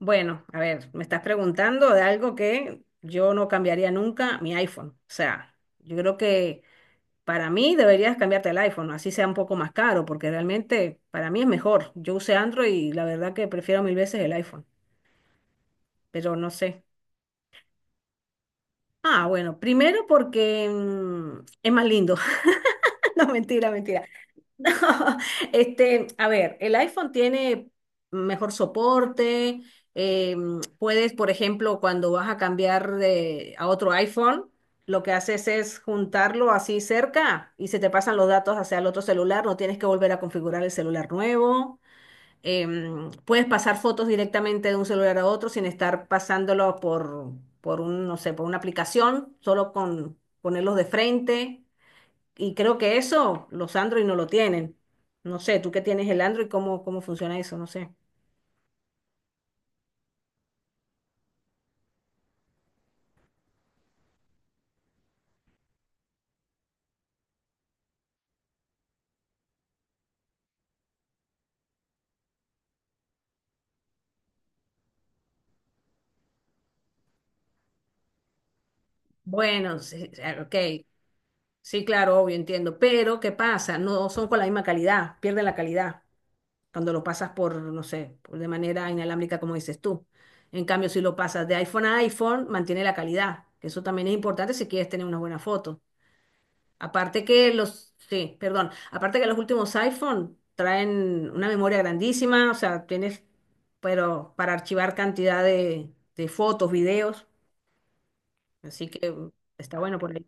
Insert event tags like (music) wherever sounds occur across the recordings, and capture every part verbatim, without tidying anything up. Bueno, a ver, me estás preguntando de algo que yo no cambiaría nunca, mi iPhone. O sea, yo creo que para mí deberías cambiarte el iPhone, así sea un poco más caro, porque realmente para mí es mejor. Yo usé Android y la verdad que prefiero mil veces el iPhone, pero no sé. Ah, bueno, primero porque mm, es más lindo. (laughs) No, mentira, mentira. No, (laughs) este, a ver, el iPhone tiene mejor soporte, eh, puedes, por ejemplo, cuando vas a cambiar de, a otro iPhone, lo que haces es juntarlo así cerca y se te pasan los datos hacia el otro celular, no tienes que volver a configurar el celular nuevo. Em, puedes pasar fotos directamente de un celular a otro sin estar pasándolo por, por un, no sé, por una aplicación, solo con ponerlos de frente. Y creo que eso los Android no lo tienen. No sé, tú que tienes el Android, ¿cómo, cómo funciona eso? No sé. Bueno, sí, sí, ah, ok, sí, claro, obvio, entiendo, pero ¿qué pasa? No son con la misma calidad, pierden la calidad cuando lo pasas por, no sé, por de manera inalámbrica como dices tú. En cambio, si lo pasas de iPhone a iPhone, mantiene la calidad, que eso también es importante si quieres tener una buena foto. Aparte que los, sí, perdón, aparte que los últimos iPhone traen una memoria grandísima, o sea, tienes, pero para archivar cantidad de, de fotos, videos, así que está bueno por ahí.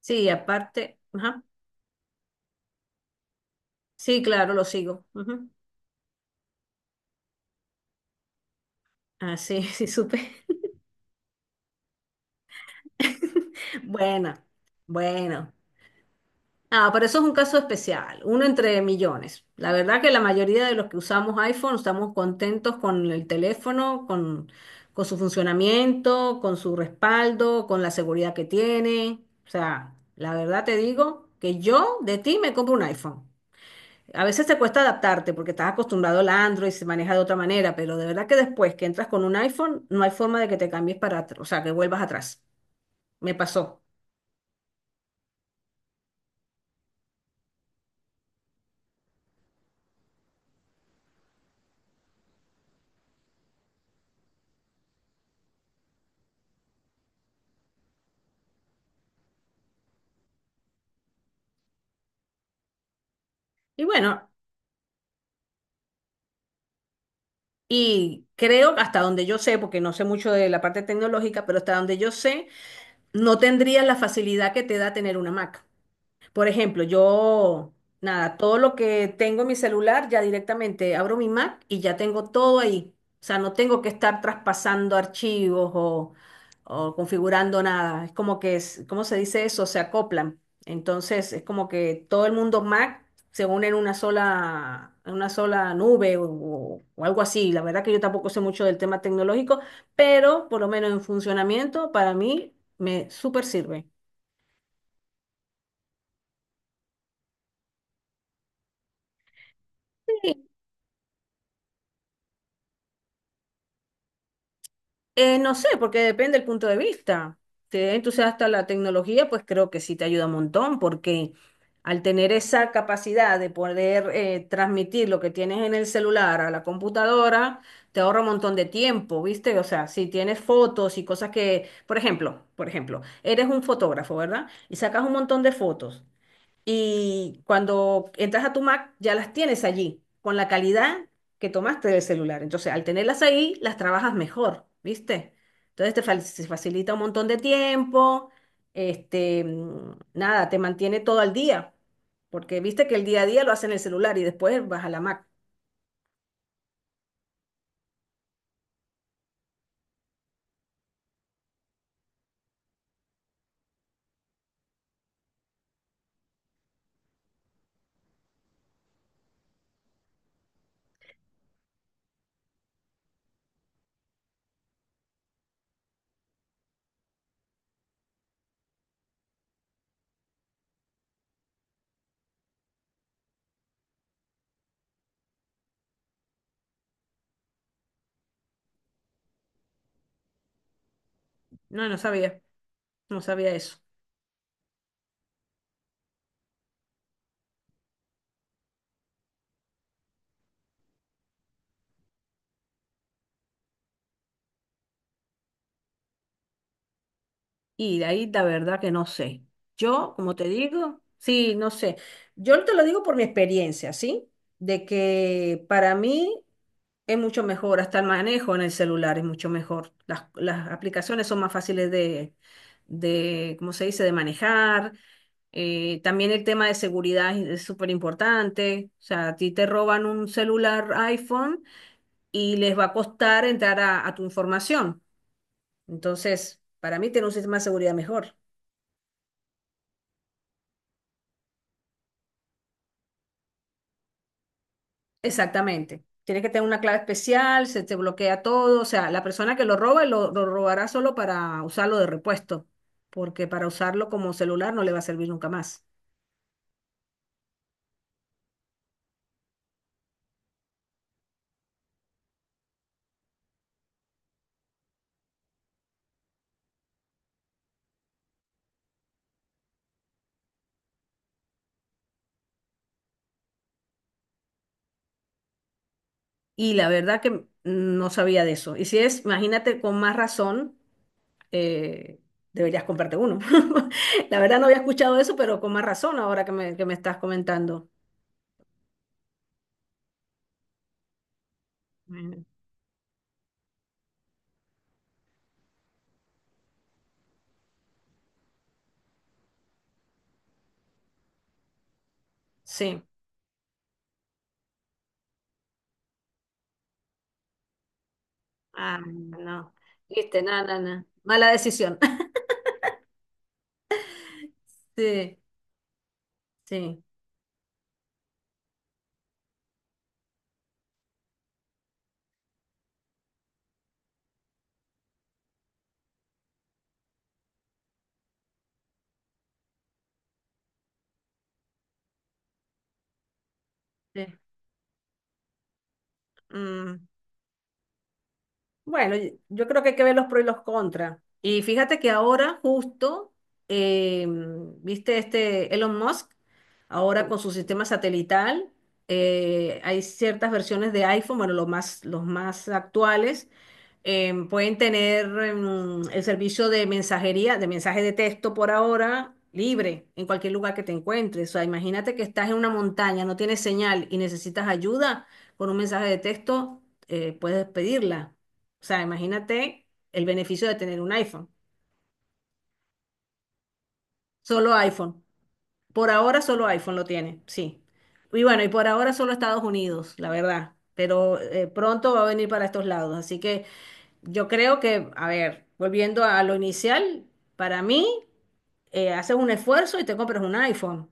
Sí, aparte, ajá, sí, claro, lo sigo. Ujú. Ah, sí, (laughs) sí, supe. Bueno, bueno. Ah, pero eso es un caso especial, uno entre millones. La verdad que la mayoría de los que usamos iPhone estamos contentos con el teléfono, con, con su funcionamiento, con su respaldo, con la seguridad que tiene. O sea, la verdad te digo que yo de ti me compro un iPhone. A veces te cuesta adaptarte porque estás acostumbrado al Android, se maneja de otra manera, pero de verdad que después que entras con un iPhone, no hay forma de que te cambies para atrás, o sea, que vuelvas atrás. Me pasó. Y bueno, y creo, hasta donde yo sé, porque no sé mucho de la parte tecnológica, pero hasta donde yo sé, no tendrías la facilidad que te da tener una Mac. Por ejemplo, yo, nada, todo lo que tengo en mi celular, ya directamente abro mi Mac y ya tengo todo ahí. O sea, no tengo que estar traspasando archivos o, o configurando nada. Es como que, es, ¿cómo se dice eso? Se acoplan. Entonces, es como que todo el mundo Mac se une en una sola, en una sola nube o, o- o algo así. La verdad que yo tampoco sé mucho del tema tecnológico, pero por lo menos en funcionamiento, para mí me súper sirve. Eh, no sé, porque depende del punto de vista. Te entusiasta la tecnología, pues creo que sí te ayuda un montón, porque al tener esa capacidad de poder eh, transmitir lo que tienes en el celular a la computadora, te ahorra un montón de tiempo, ¿viste? O sea, si tienes fotos y cosas que, por ejemplo, por ejemplo, eres un fotógrafo, ¿verdad? Y sacas un montón de fotos y cuando entras a tu Mac ya las tienes allí, con la calidad que tomaste del celular. Entonces, al tenerlas ahí, las trabajas mejor, ¿viste? Entonces te fa- se facilita un montón de tiempo, este, mm, nada, te mantiene todo al día, porque viste que el día a día lo hacen en el celular y después vas a la Mac. No, no sabía, no sabía eso. Y de ahí la verdad que no sé. Yo, como te digo, sí, no sé. Yo te lo digo por mi experiencia, ¿sí? De que para mí es mucho mejor, hasta el manejo en el celular es mucho mejor. Las, las aplicaciones son más fáciles de, de, ¿cómo se dice?, de manejar. Eh, también el tema de seguridad es súper importante. O sea, a ti te roban un celular iPhone y les va a costar entrar a, a tu información. Entonces, para mí tiene un sistema de seguridad mejor. Exactamente. Tiene que tener una clave especial, se te bloquea todo. O sea, la persona que lo roba lo, lo robará solo para usarlo de repuesto, porque para usarlo como celular no le va a servir nunca más. Y la verdad que mm, no sabía de eso. Y si es, imagínate, con más razón, eh, deberías comprarte uno. (laughs) La verdad no había escuchado eso, pero con más razón ahora que me, que me estás comentando. Mm, sí. Ah, no. Viste, nada, nada. Mala decisión. (laughs) Sí, sí, sí. Mm. Bueno, y- yo creo que hay que ver los pros y los contras. Y fíjate que ahora justo, eh, viste este Elon Musk, ahora con su sistema satelital, eh, hay ciertas versiones de iPhone, bueno, los más, los más actuales, em, pueden tener em, el servicio de mensajería, de mensaje de texto por ahora, libre, en cualquier lugar que te encuentres. O sea, imagínate que estás en una montaña, no tienes señal y necesitas ayuda, con un mensaje de texto eh, puedes pedirla. O sea, imagínate el beneficio de tener un iPhone. Solo iPhone. Por ahora solo iPhone lo tiene, sí. Y bueno, y por ahora solo Estados Unidos, la verdad. Pero eh, pronto va a venir para estos lados. Así que yo creo que, a ver, volviendo a lo inicial, para mí, eh, haces un esfuerzo y te compras un iPhone.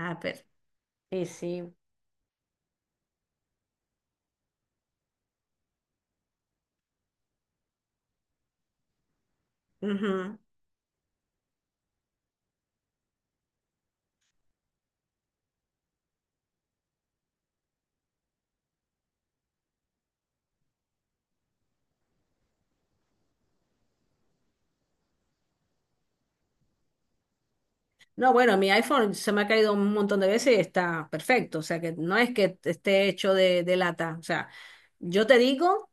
Ah, pero. Sí, sí. Ujú. No, bueno, mi iPhone se me ha caído un montón de veces y está perfecto. O sea, que no es que esté hecho de, de lata. O sea, yo te digo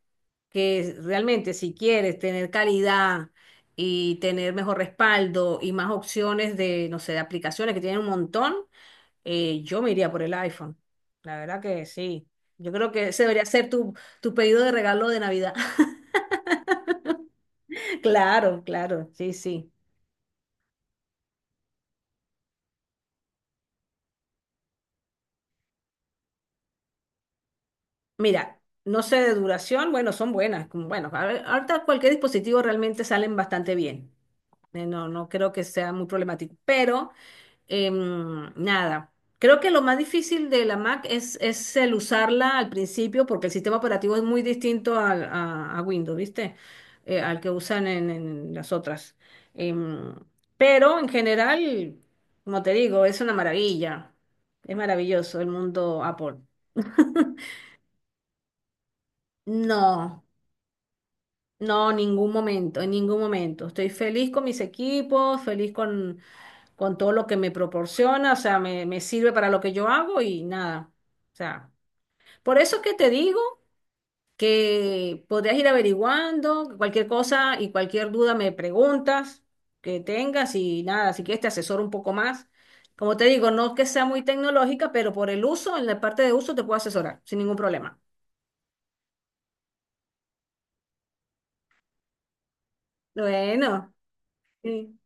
que realmente si quieres tener calidad y tener mejor respaldo y más opciones de, no sé, de aplicaciones que tienen un montón, eh, yo me iría por el iPhone. La verdad que sí. Yo creo que ese debería ser tu, tu pedido de regalo de Navidad. (laughs) Claro, claro, sí, sí. Mira, no sé de duración, bueno, son buenas. como- Bueno, a ver, ahorita cualquier dispositivo realmente salen bastante bien. Eh, No, no creo que sea muy problemático, pero em, nada. Creo que lo más difícil de la Mac es, es el usarla al principio porque el sistema operativo es muy distinto al- a, a Windows, ¿viste? Eh, al que usan en, en las otras. Em, pero en general, como te digo, es una maravilla. Es maravilloso el mundo Apple. (laughs) No, no, ningún momento, en ningún momento. Estoy feliz con mis equipos, feliz con con todo lo que me proporciona, o sea, me, me sirve para lo que yo hago y nada. O sea, por eso es que te digo que podrías ir averiguando cualquier cosa y cualquier duda me preguntas que tengas y nada, si quieres te asesoro un poco más. Como te digo, no es que sea muy tecnológica, pero por el uso, en la parte de uso te puedo asesorar sin ningún problema. Bueno, sí.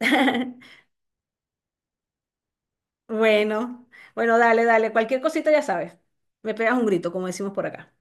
(laughs) Bueno, bueno, dale, dale, cualquier cosita ya sabes. Me pegas un grito, como decimos por acá.